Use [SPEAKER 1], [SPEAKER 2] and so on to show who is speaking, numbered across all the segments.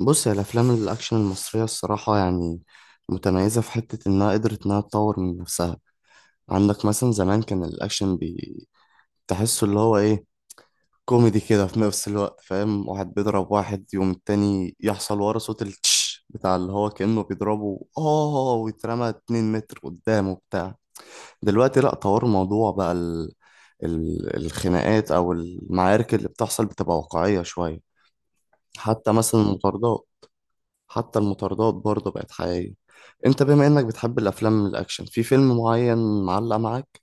[SPEAKER 1] بص هي الافلام الاكشن المصريه الصراحه يعني متميزه في حته انها قدرت انها تطور من نفسها. عندك مثلا زمان كان تحسه اللي هو ايه، كوميدي كده في نفس الوقت، فاهم؟ واحد بيضرب واحد يوم التاني يحصل ورا صوت التش بتاع اللي هو كأنه بيضربه، اه، ويترمى 2 متر قدامه بتاع. دلوقتي لا، طور الموضوع بقى، الخناقات او المعارك اللي بتحصل بتبقى واقعيه شويه، حتى مثلا المطاردات. حتى المطاردات برضه بقت حقيقية. انت بما انك بتحب الافلام الاكشن، في فيلم معين معلق معاك؟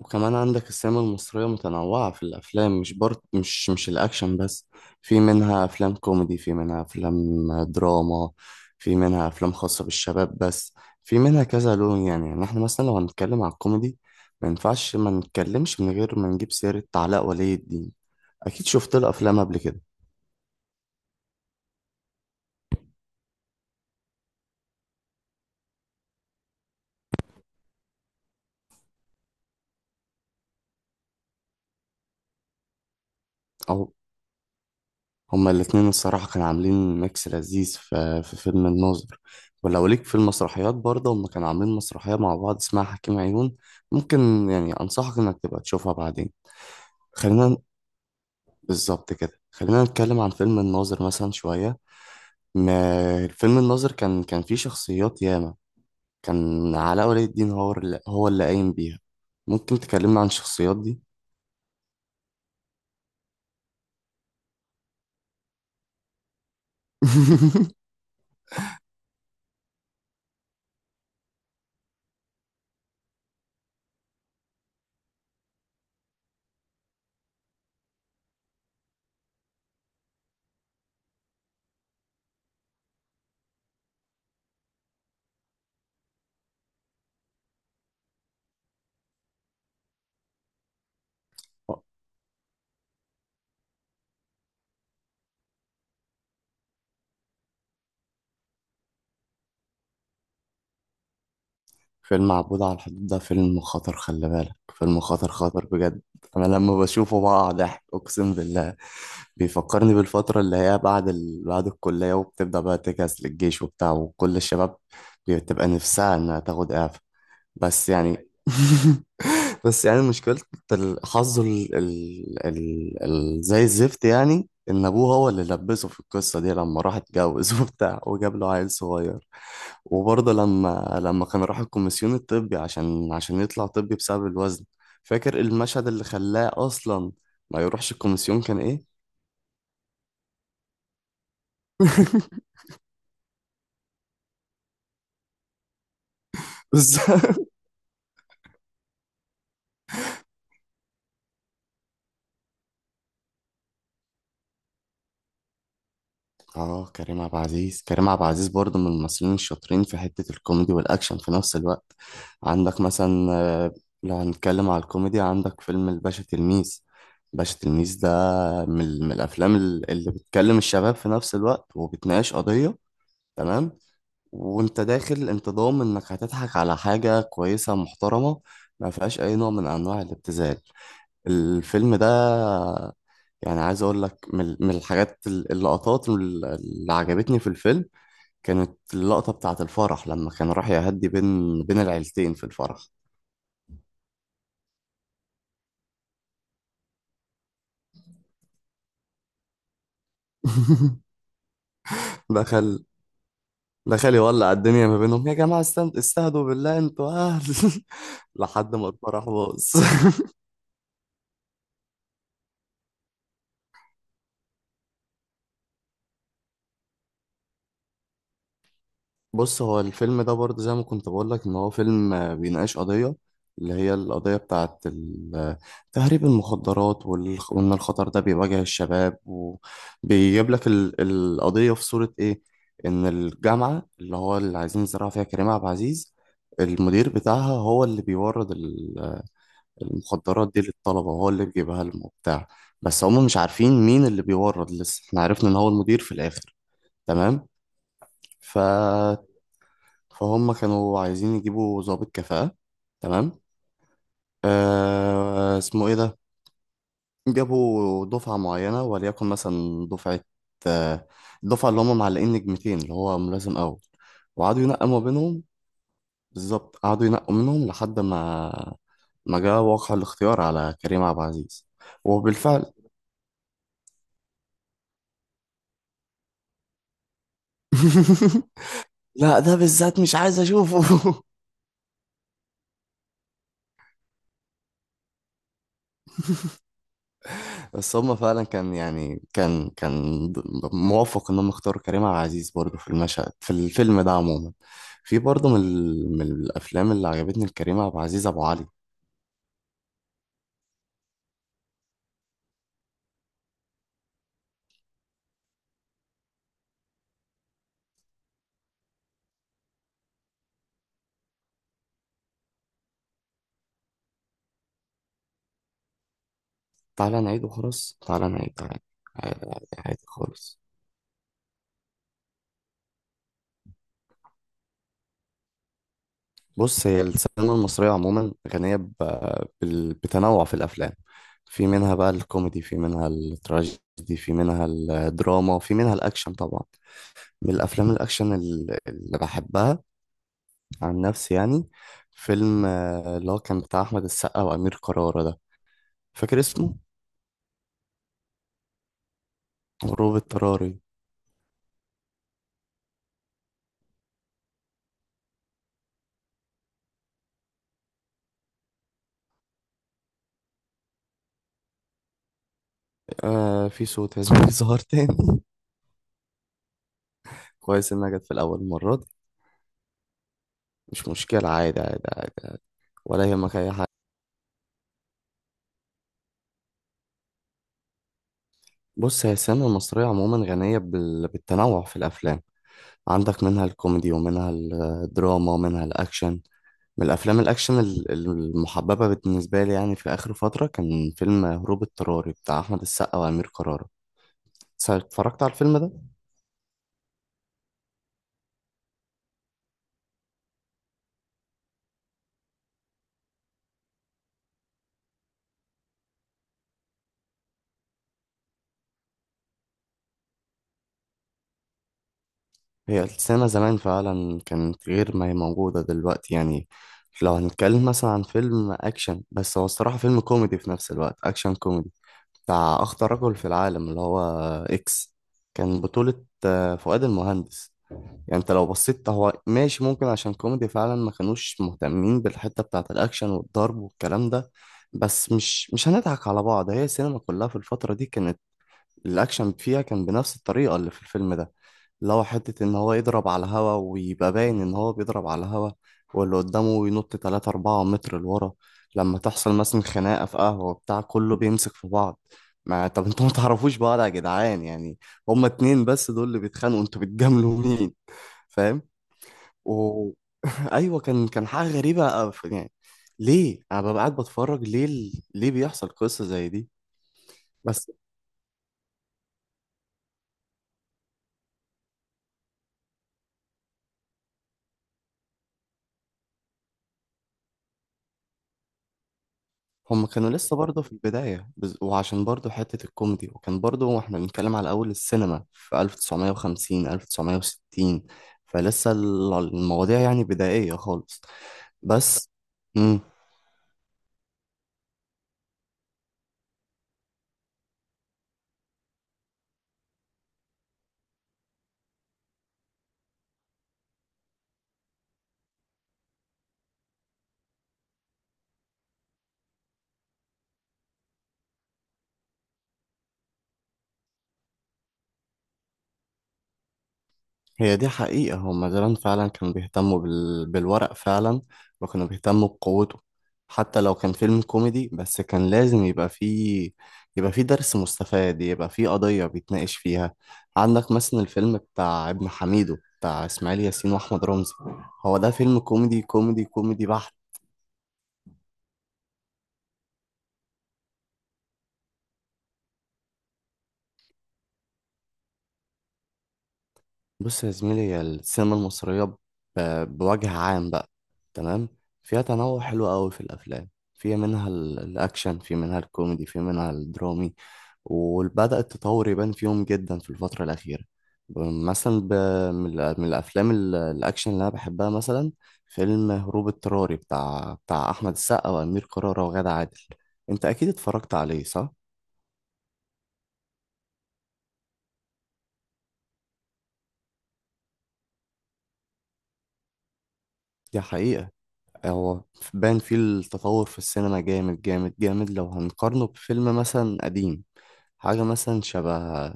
[SPEAKER 1] وكمان عندك السينما المصرية متنوعة في الافلام، مش برضه مش الاكشن بس، في منها افلام كوميدي، في منها افلام دراما، في منها افلام خاصة بالشباب بس، في منها كذا لون، يعني احنا مثلا لو هنتكلم على الكوميدي ما ينفعش ما نتكلمش من غير ما نجيب سيرة علاء ولي الدين. اكيد شفت له افلام قبل كده. او هما الاتنين الصراحة كانوا عاملين ميكس لذيذ في فيلم الناظر. ولو ليك في المسرحيات برضه، هما كانوا عاملين مسرحية مع بعض اسمها حكيم عيون، ممكن يعني أنصحك إنك تبقى تشوفها بعدين. خلينا بالظبط كده، خلينا نتكلم عن فيلم الناظر مثلا شوية. ما فيلم الناظر كان فيه شخصيات ياما، كان علاء ولي الدين هو اللي قايم بيها. ممكن تكلمنا عن الشخصيات دي؟ فيلم عبود على الحدود ده فيلم خطر، خلي بالك، فيلم خطر بجد. انا لما بشوفه بقع ضحك، اقسم بالله. بيفكرني بالفترة اللي هي بعد الكلية وبتبدأ بقى تجهز للجيش وبتاع، وكل الشباب بتبقى نفسها انها تاخد اعفاء. بس يعني، بس يعني مشكلة، الحظ زي الزفت، يعني إن أبوه هو اللي لبسه في القصة دي لما راح اتجوز وبتاع، وجاب له عيل صغير. وبرضه لما كان راح الكوميسيون الطبي عشان يطلع طبي بسبب الوزن. فاكر المشهد اللي خلاه أصلا ما يروحش الكوميسيون كان إيه؟ بس. اه، كريم عبد العزيز، كريم عبد العزيز برضه من الممثلين الشاطرين في حتة الكوميدي والأكشن في نفس الوقت. عندك مثلا، لو هنتكلم على الكوميدي، عندك فيلم الباشا تلميذ. باشا تلميذ ده من الأفلام اللي بتكلم الشباب في نفس الوقت، وبتناقش قضية، تمام. وانت داخل انت ضامن انك هتضحك على حاجة كويسة محترمة، ما فيهاش أي نوع من أنواع الابتذال الفيلم ده. يعني عايز اقول لك من اللقطات اللي عجبتني في الفيلم، كانت اللقطة بتاعة الفرح لما كان راح يهدي بين العيلتين في الفرح. دخل دخل يولع الدنيا ما بينهم، يا جماعة استند، استهدوا بالله، انتوا اهل. لحد ما الفرح باظ. بص هو الفيلم ده برضه زي ما كنت بقول لك، ان هو فيلم، بيناقش قضية، اللي هي القضية بتاعت تهريب المخدرات، وان الخطر ده بيواجه الشباب، وبيجيب لك القضية في صورة ايه. ان الجامعة اللي هو اللي عايزين يزرعوا فيها كريم عبد العزيز، المدير بتاعها هو اللي المخدرات دي للطلبة، وهو اللي بيجيبها لهم وبتاع. بس هم مش عارفين مين اللي بيورد، لسه احنا عرفنا ان هو المدير في الاخر، تمام. ف فهم كانوا عايزين يجيبوا ضابط كفاءة، تمام. آه، اسمه ايه ده، جابوا دفعة معينة، وليكن مثلا دفعة، آه، الدفعة اللي هم معلقين نجمتين اللي هو ملازم أول، وقعدوا ينقوا ما بينهم. بالظبط، قعدوا ينقوا منهم لحد ما ما جاء واقع الاختيار على كريم عبد العزيز. وبالفعل، لا ده بالذات مش عايز اشوفه. بس هما فعلا كان يعني د- موافق ان هم اختاروا كريم عبد العزيز برضه في المشهد، في الفيلم ده عموما. في برضه من الافلام اللي عجبتني لكريم عبد العزيز ابو علي. تعالى نعيد وخلاص تعالى نعيد تعالى. عادي خالص. بص هي السينما المصرية عموما غنية بتنوع في الأفلام، في منها بقى الكوميدي، في منها التراجيدي، في منها الدراما، في منها الأكشن طبعا. من الأفلام الأكشن اللي بحبها عن نفسي يعني، فيلم، اللي هو كان بتاع أحمد السقا وأمير كرارة ده، فاكر اسمه؟ غروب اضطراري. آه، في صوت عزيز، ظهر تاني. كويس إنها جت في الأول مرة دي، مش مشكلة، عادي. ولا يهمك أي حاجة. بص هي السينما المصرية عموما غنية بالتنوع في الأفلام، عندك منها الكوميدي، ومنها الدراما، ومنها الأكشن. من الأفلام الأكشن المحببة بالنسبة لي يعني، في آخر فترة كان فيلم هروب اضطراري بتاع أحمد السقا وأمير كرارة. اتفرجت على الفيلم ده؟ هي السينما زمان فعلا كانت غير ما هي موجودة دلوقتي يعني. لو هنتكلم مثلا عن فيلم أكشن، بس هو الصراحة فيلم كوميدي في نفس الوقت، أكشن كوميدي، بتاع أخطر رجل في العالم اللي هو إكس، كان بطولة، فؤاد المهندس. يعني أنت لو بصيت هو ماشي، ممكن عشان كوميدي فعلا ما كانوش مهتمين بالحتة بتاعة الأكشن والضرب والكلام ده. بس مش هنضحك على بعض، هي السينما كلها في الفترة دي كانت الاكشن فيها كان بنفس الطريقه اللي في الفيلم ده، اللي هو حته ان هو يضرب على الهوا، ويبقى باين ان هو بيضرب على الهوا، واللي قدامه ينط 3 4 متر لورا. لما تحصل مثلا خناقه في قهوه بتاع، كله بيمسك في بعض، ما طب انتوا ما تعرفوش بعض يا جدعان يعني، هما اتنين بس دول اللي بيتخانقوا، انتوا بتجاملوا مين؟ فاهم. و... ايوه، كان حاجه غريبه أوي يعني. ليه انا ببقى قاعد بتفرج، ليه بيحصل قصه زي دي. بس هم كانوا لسه برضه في البداية، وعشان برضه حتة الكوميدي، وكان برضه واحنا بنتكلم على أول السينما في 1950 1960، المواضيع يعني بدائية خالص. بس، مم. هي دي حقيقة، هما زمان فعلا كانوا بيهتموا بالورق فعلا، وكانوا بيهتموا بقوته. حتى لو كان فيلم كوميدي، بس كان لازم يبقى فيه درس مستفاد، يبقى فيه قضية بيتناقش فيها. عندك مثلا الفيلم بتاع ابن حميدو بتاع إسماعيل ياسين وأحمد رمزي، هو ده فيلم كوميدي بحت. بص يا زميلي، هي السينما المصرية بوجه عام بقى، تمام، فيها تنوع حلو قوي في الأفلام، في منها الأكشن، في منها الكوميدي، في منها الدرامي، وبدأ التطور يبان فيهم جدا في الفترة الأخيرة. ب- مثلا ب... من ال- من الأفلام الأكشن اللي أنا بحبها مثلا، فيلم هروب اضطراري بتاع أحمد السقا وأمير كرارة وغادة عادل، أنت أكيد اتفرجت عليه صح؟ دي حقيقة، هو بان فيه التطور في السينما جامد، لو هنقارنه بفيلم مثلا قديم، حاجة مثلا شبه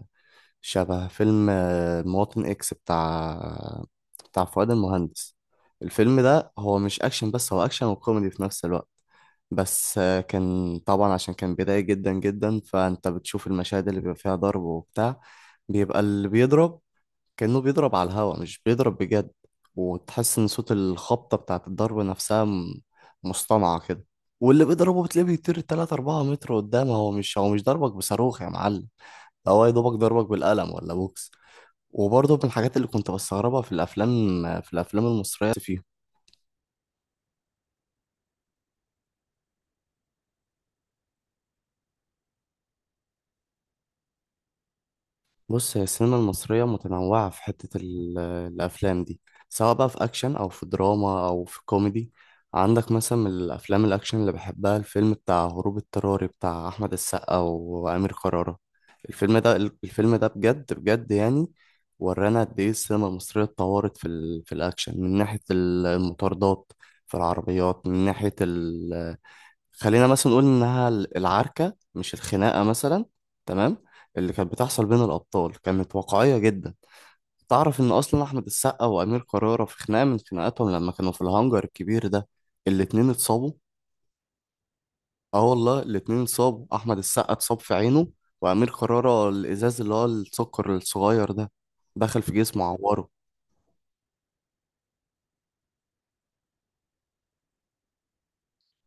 [SPEAKER 1] شبه فيلم، مواطن إكس بتاع فؤاد المهندس. الفيلم ده هو مش أكشن بس، هو أكشن وكوميدي في نفس الوقت. بس، كان طبعا عشان كان بداية جدا، فأنت بتشوف المشاهد اللي بيبقى فيها ضرب وبتاع، بيبقى اللي بيضرب كأنه بيضرب على الهوا، مش بيضرب بجد، وتحس إن صوت الخبطة بتاعة الضرب نفسها مصطنعة كده، واللي بيضربه بتلاقيه بيطير 3 4 متر قدام، هو مش، هو مش ضربك بصاروخ يا معلم، ده هو يا دوبك ضربك بالقلم ولا بوكس. وبرضه من الحاجات اللي كنت بستغربها في الأفلام، في الأفلام المصرية. بص هي السينما المصرية متنوعة في حتة الأفلام دي، سواء بقى في أكشن أو في دراما أو في كوميدي. عندك مثلا من الأفلام الأكشن اللي بحبها الفيلم بتاع هروب اضطراري بتاع أحمد السقا وأمير كرارة. الفيلم ده بجد بجد يعني، ورانا قد إيه السينما المصرية اتطورت في الأكشن، من ناحية المطاردات، في العربيات، من ناحية، خلينا مثلا نقول انها العركه، مش الخناقه مثلا، تمام، اللي كانت بتحصل بين الابطال كانت واقعيه جدا. تعرف ان اصلا احمد السقا وامير كرارة في خناقه من خناقاتهم لما كانوا في الهانجر الكبير ده، الاتنين اتصابوا. اه والله، الاتنين اتصابوا، احمد السقا اتصاب في عينه، وامير كرارة الازاز اللي هو السكر الصغير ده دخل في جسمه، عوره.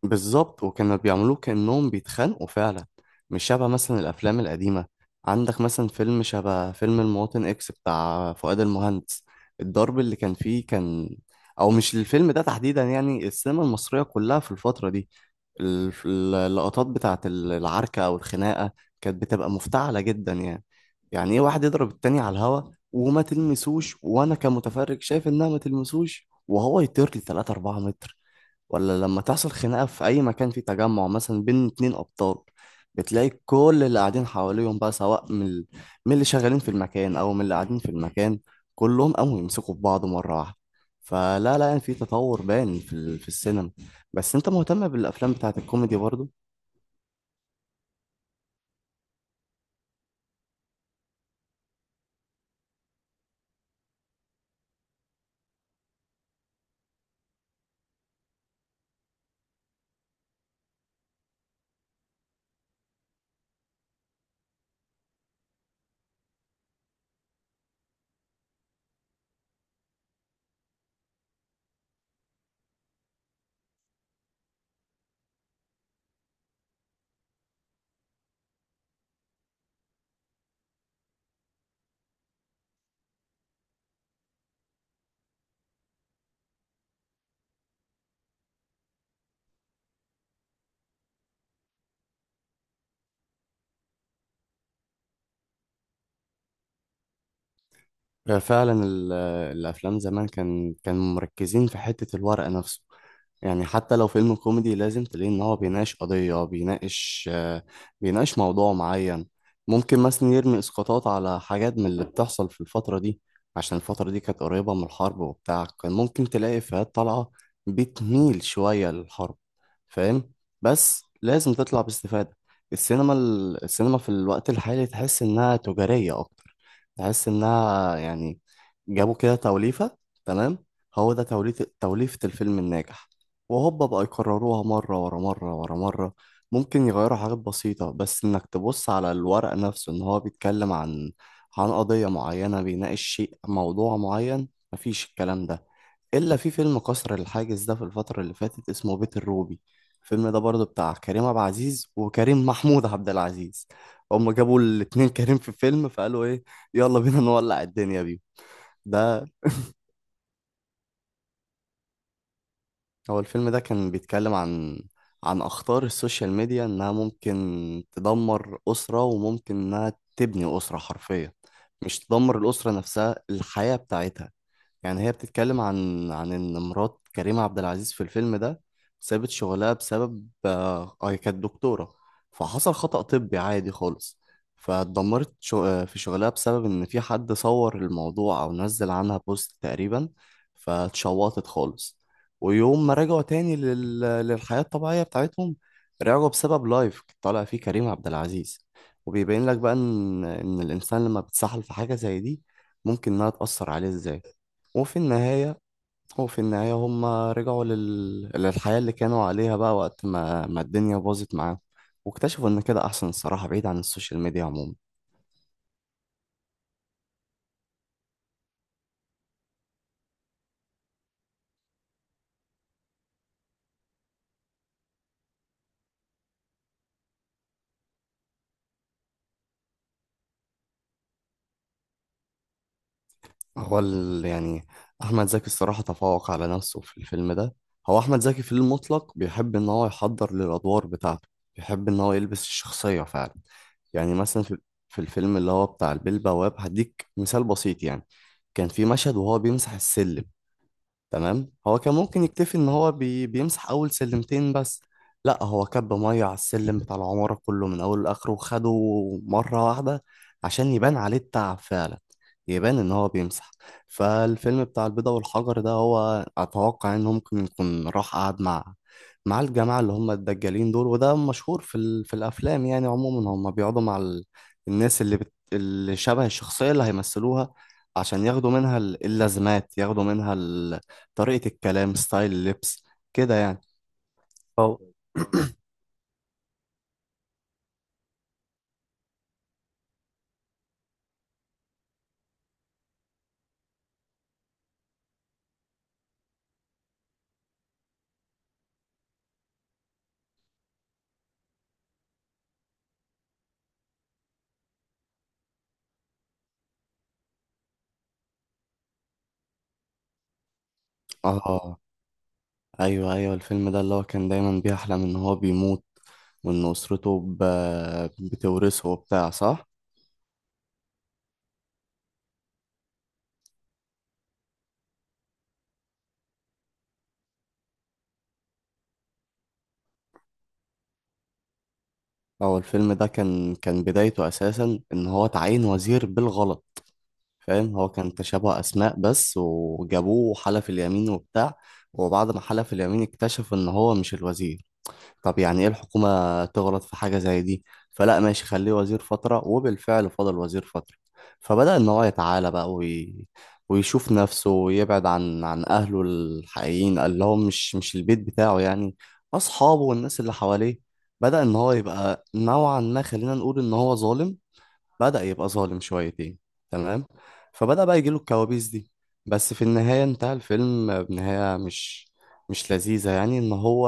[SPEAKER 1] بالظبط، وكانوا بيعملوه كأنهم بيتخانقوا فعلا، مش شبه مثلا الأفلام القديمة. عندك مثلا فيلم شبه فيلم المواطن إكس بتاع فؤاد المهندس، الضرب اللي كان فيه كان، أو مش الفيلم ده تحديدا يعني، السينما المصرية كلها في الفترة دي اللقطات بتاعة العركة أو الخناقة كانت بتبقى مفتعلة جدا يعني. يعني إيه واحد يضرب التاني على الهوا وما تلمسوش، وأنا كمتفرج شايف إنها ما تلمسوش وهو يطير لي 3 4 متر. ولا لما تحصل خناقة في أي مكان فيه تجمع مثلا بين اتنين أبطال، بتلاقي كل اللي قاعدين حواليهم بقى، سواء من اللي شغالين في المكان أو من اللي قاعدين في المكان، كلهم قاموا يمسكوا في بعض مرة واحدة. فلا لا يعني، في تطور باين في السينما. بس أنت مهتم بالأفلام بتاعت الكوميدي برضو. فعلا الأفلام زمان كان مركزين في حتة الورق نفسه. يعني حتى لو فيلم كوميدي لازم تلاقي ان هو بيناقش قضية، بيناقش، بيناقش موضوع معين، ممكن مثلا يرمي اسقاطات على حاجات من اللي بتحصل في الفترة دي، عشان الفترة دي كانت قريبة من الحرب وبتاع، كان ممكن تلاقي إفيهات طالعة بتميل شوية للحرب، فاهم؟ بس لازم تطلع باستفادة. السينما السينما في الوقت الحالي تحس انها تجارية اكتر. تحس انها يعني جابوا كده توليفة. تمام، هو ده توليفة، الفيلم الناجح، وهوبا بقى يكرروها مرة ورا مرة ورا مرة. ممكن يغيروا حاجات بسيطة، بس إنك تبص على الورق نفسه إن هو بيتكلم عن قضية معينة، بيناقش شيء، موضوع معين. مفيش الكلام ده إلا في فيلم كسر الحاجز ده في الفترة اللي فاتت، اسمه بيت الروبي. الفيلم ده برضه بتاع كريم عبد العزيز وكريم محمود عبد العزيز. هما جابوا الاتنين كريم في فيلم، فقالوا إيه، يلا بينا نولع الدنيا بيه. ده هو الفيلم ده كان بيتكلم عن أخطار السوشيال ميديا، إنها ممكن تدمر أسرة وممكن إنها تبني أسرة حرفيا. مش تدمر الأسرة نفسها، الحياة بتاعتها. يعني هي بتتكلم عن ان مرات كريم عبد العزيز في الفيلم ده سابت شغلها بسبب آه هي كانت دكتورة، فحصل خطأ طبي عادي خالص. فاتدمرت شو في شغلها بسبب ان في حد صور الموضوع او نزل عنها بوست تقريبا، فاتشوطت خالص. ويوم ما رجعوا تاني للحياة الطبيعية بتاعتهم، رجعوا بسبب لايف طالع فيه كريم عبد العزيز. وبيبين لك بقى ان الانسان لما بتسحل في حاجة زي دي ممكن انها تأثر عليه ازاي. وفي النهاية وفي النهاية هم رجعوا للحياة اللي كانوا عليها بقى وقت ما الدنيا باظت معاهم، واكتشفوا إن كده أحسن الصراحة، بعيد عن السوشيال ميديا عموما. يعني أحمد زكي الصراحة تفوق على نفسه في الفيلم ده. هو أحمد زكي في المطلق بيحب إن هو يحضر للأدوار بتاعته، بيحب إن هو يلبس الشخصية فعلا. يعني مثلا في الفيلم اللي هو بتاع البيه البواب، هديك مثال بسيط. يعني كان في مشهد وهو بيمسح السلم، تمام؟ هو كان ممكن يكتفي ان هو بيمسح اول سلمتين بس. لا، هو كب ميه على السلم بتاع العمارة كله من اوله لاخره وخده مرة واحدة عشان يبان عليه التعب فعلا، يبان ان هو بيمسح. فالفيلم بتاع البيضة والحجر ده، هو اتوقع ان هو ممكن يكون راح قعد مع الجماعة اللي هم الدجالين دول، وده مشهور في الافلام يعني عموما، هم بيقعدوا مع الناس اللي اللي شبه الشخصية اللي هيمثلوها، عشان ياخدوا منها ال- اللازمات، ياخدوا منها ال... طريقة الكلام، ستايل اللبس، كده يعني. أو اه، ايوه ايوه، الفيلم ده اللي هو كان دايما بيحلم ان هو بيموت، وان اسرته بتورثه وبتاع، صح. هو الفيلم ده كان بدايته اساسا ان هو تعين وزير بالغلط. فاهم؟ هو كان تشابه اسماء بس، وجابوه وحلف اليمين وبتاع، وبعد ما حلف اليمين اكتشف ان هو مش الوزير. طب يعني ايه الحكومة تغلط في حاجة زي دي؟ فلا، ماشي، خليه وزير فترة، وبالفعل فضل وزير فترة. فبدأ ان هو يتعالى بقى ويشوف نفسه، ويبعد عن اهله الحقيقيين اللي هو مش البيت بتاعه يعني، اصحابه والناس اللي حواليه. بدأ ان هو يبقى نوعا ما، خلينا نقول ان هو ظالم، بدأ يبقى ظالم شويتين. تمام. فبدأ بقى يجيله الكوابيس دي. بس في النهاية انتهى الفيلم بنهاية مش لذيذة يعني ان هو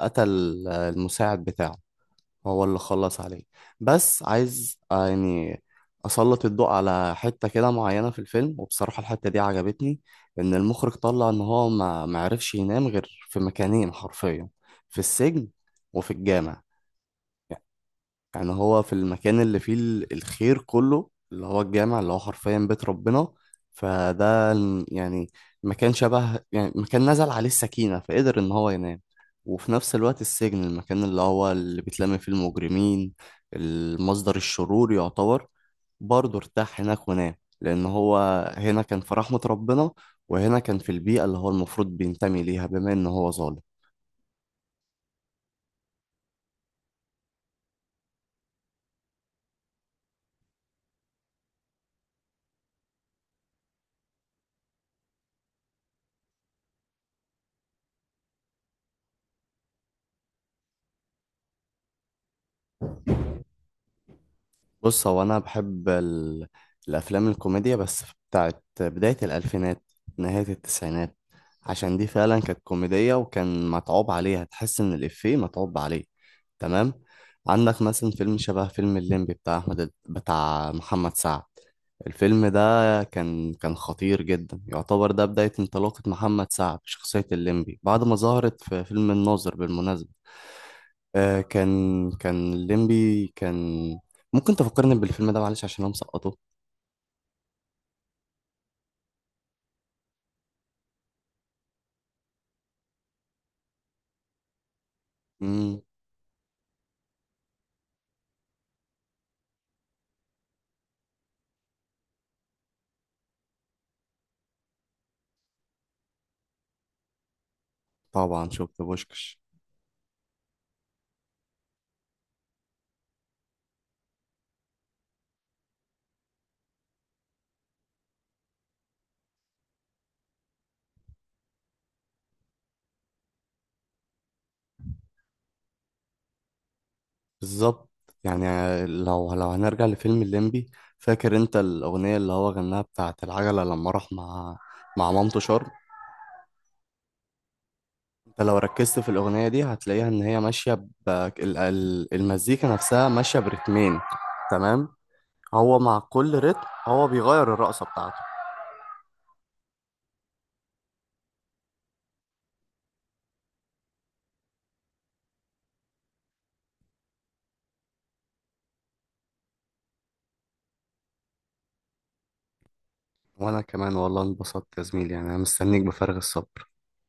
[SPEAKER 1] قتل المساعد بتاعه، هو اللي خلص عليه. بس عايز يعني أسلط الضوء على حتة كده معينة في الفيلم، وبصراحة الحتة دي عجبتني، إن المخرج طلع إن هو ما معرفش ينام غير في مكانين حرفيا، في السجن وفي الجامع. يعني هو في المكان اللي فيه ال- الخير كله، اللي هو الجامع اللي هو حرفيا بيت ربنا، فده ال- يعني مكان شبه، يعني مكان نزل عليه السكينة فقدر إن هو ينام. وفي نفس الوقت السجن، المكان اللي هو اللي بيتلم فيه المجرمين، المصدر الشرور يعتبر، برضه ارتاح هناك ونام. لأن هو هنا كان في رحمة ربنا، وهنا كان في البيئة اللي هو المفروض بينتمي ليها بما إن هو ظالم. بص، هو انا بحب ال... الافلام الكوميديا بس بتاعت بداية الالفينات، نهاية التسعينات، عشان دي فعلا كانت كوميدية وكان متعوب عليها، تحس ان الافيه متعوب عليه. تمام. عندك مثلا فيلم شبه فيلم الليمبي بتاع احمد، بتاع محمد سعد. الفيلم ده كان خطير جدا، يعتبر ده بداية انطلاقة محمد سعد بشخصية الليمبي بعد ما ظهرت في فيلم الناظر بالمناسبة. آه، كان الليمبي كان ممكن تفكرني بالفيلم ده معلش عشان انا مسقطه. امم، طبعا شفت بوشكش. بالظبط. يعني لو هنرجع لفيلم الليمبي، فاكر انت الاغنيه اللي هو غناها بتاعت العجله لما راح مع مامته شرم؟ انت لو ركزت في الاغنيه دي هتلاقيها ان هي ماشيه ال- ال- المزيكا نفسها ماشيه برتمين. تمام. هو مع كل رتم هو بيغير الرقصه بتاعته. وانا كمان والله انبسطت يا زميلي، يعني انا مستنيك بفارغ الصبر.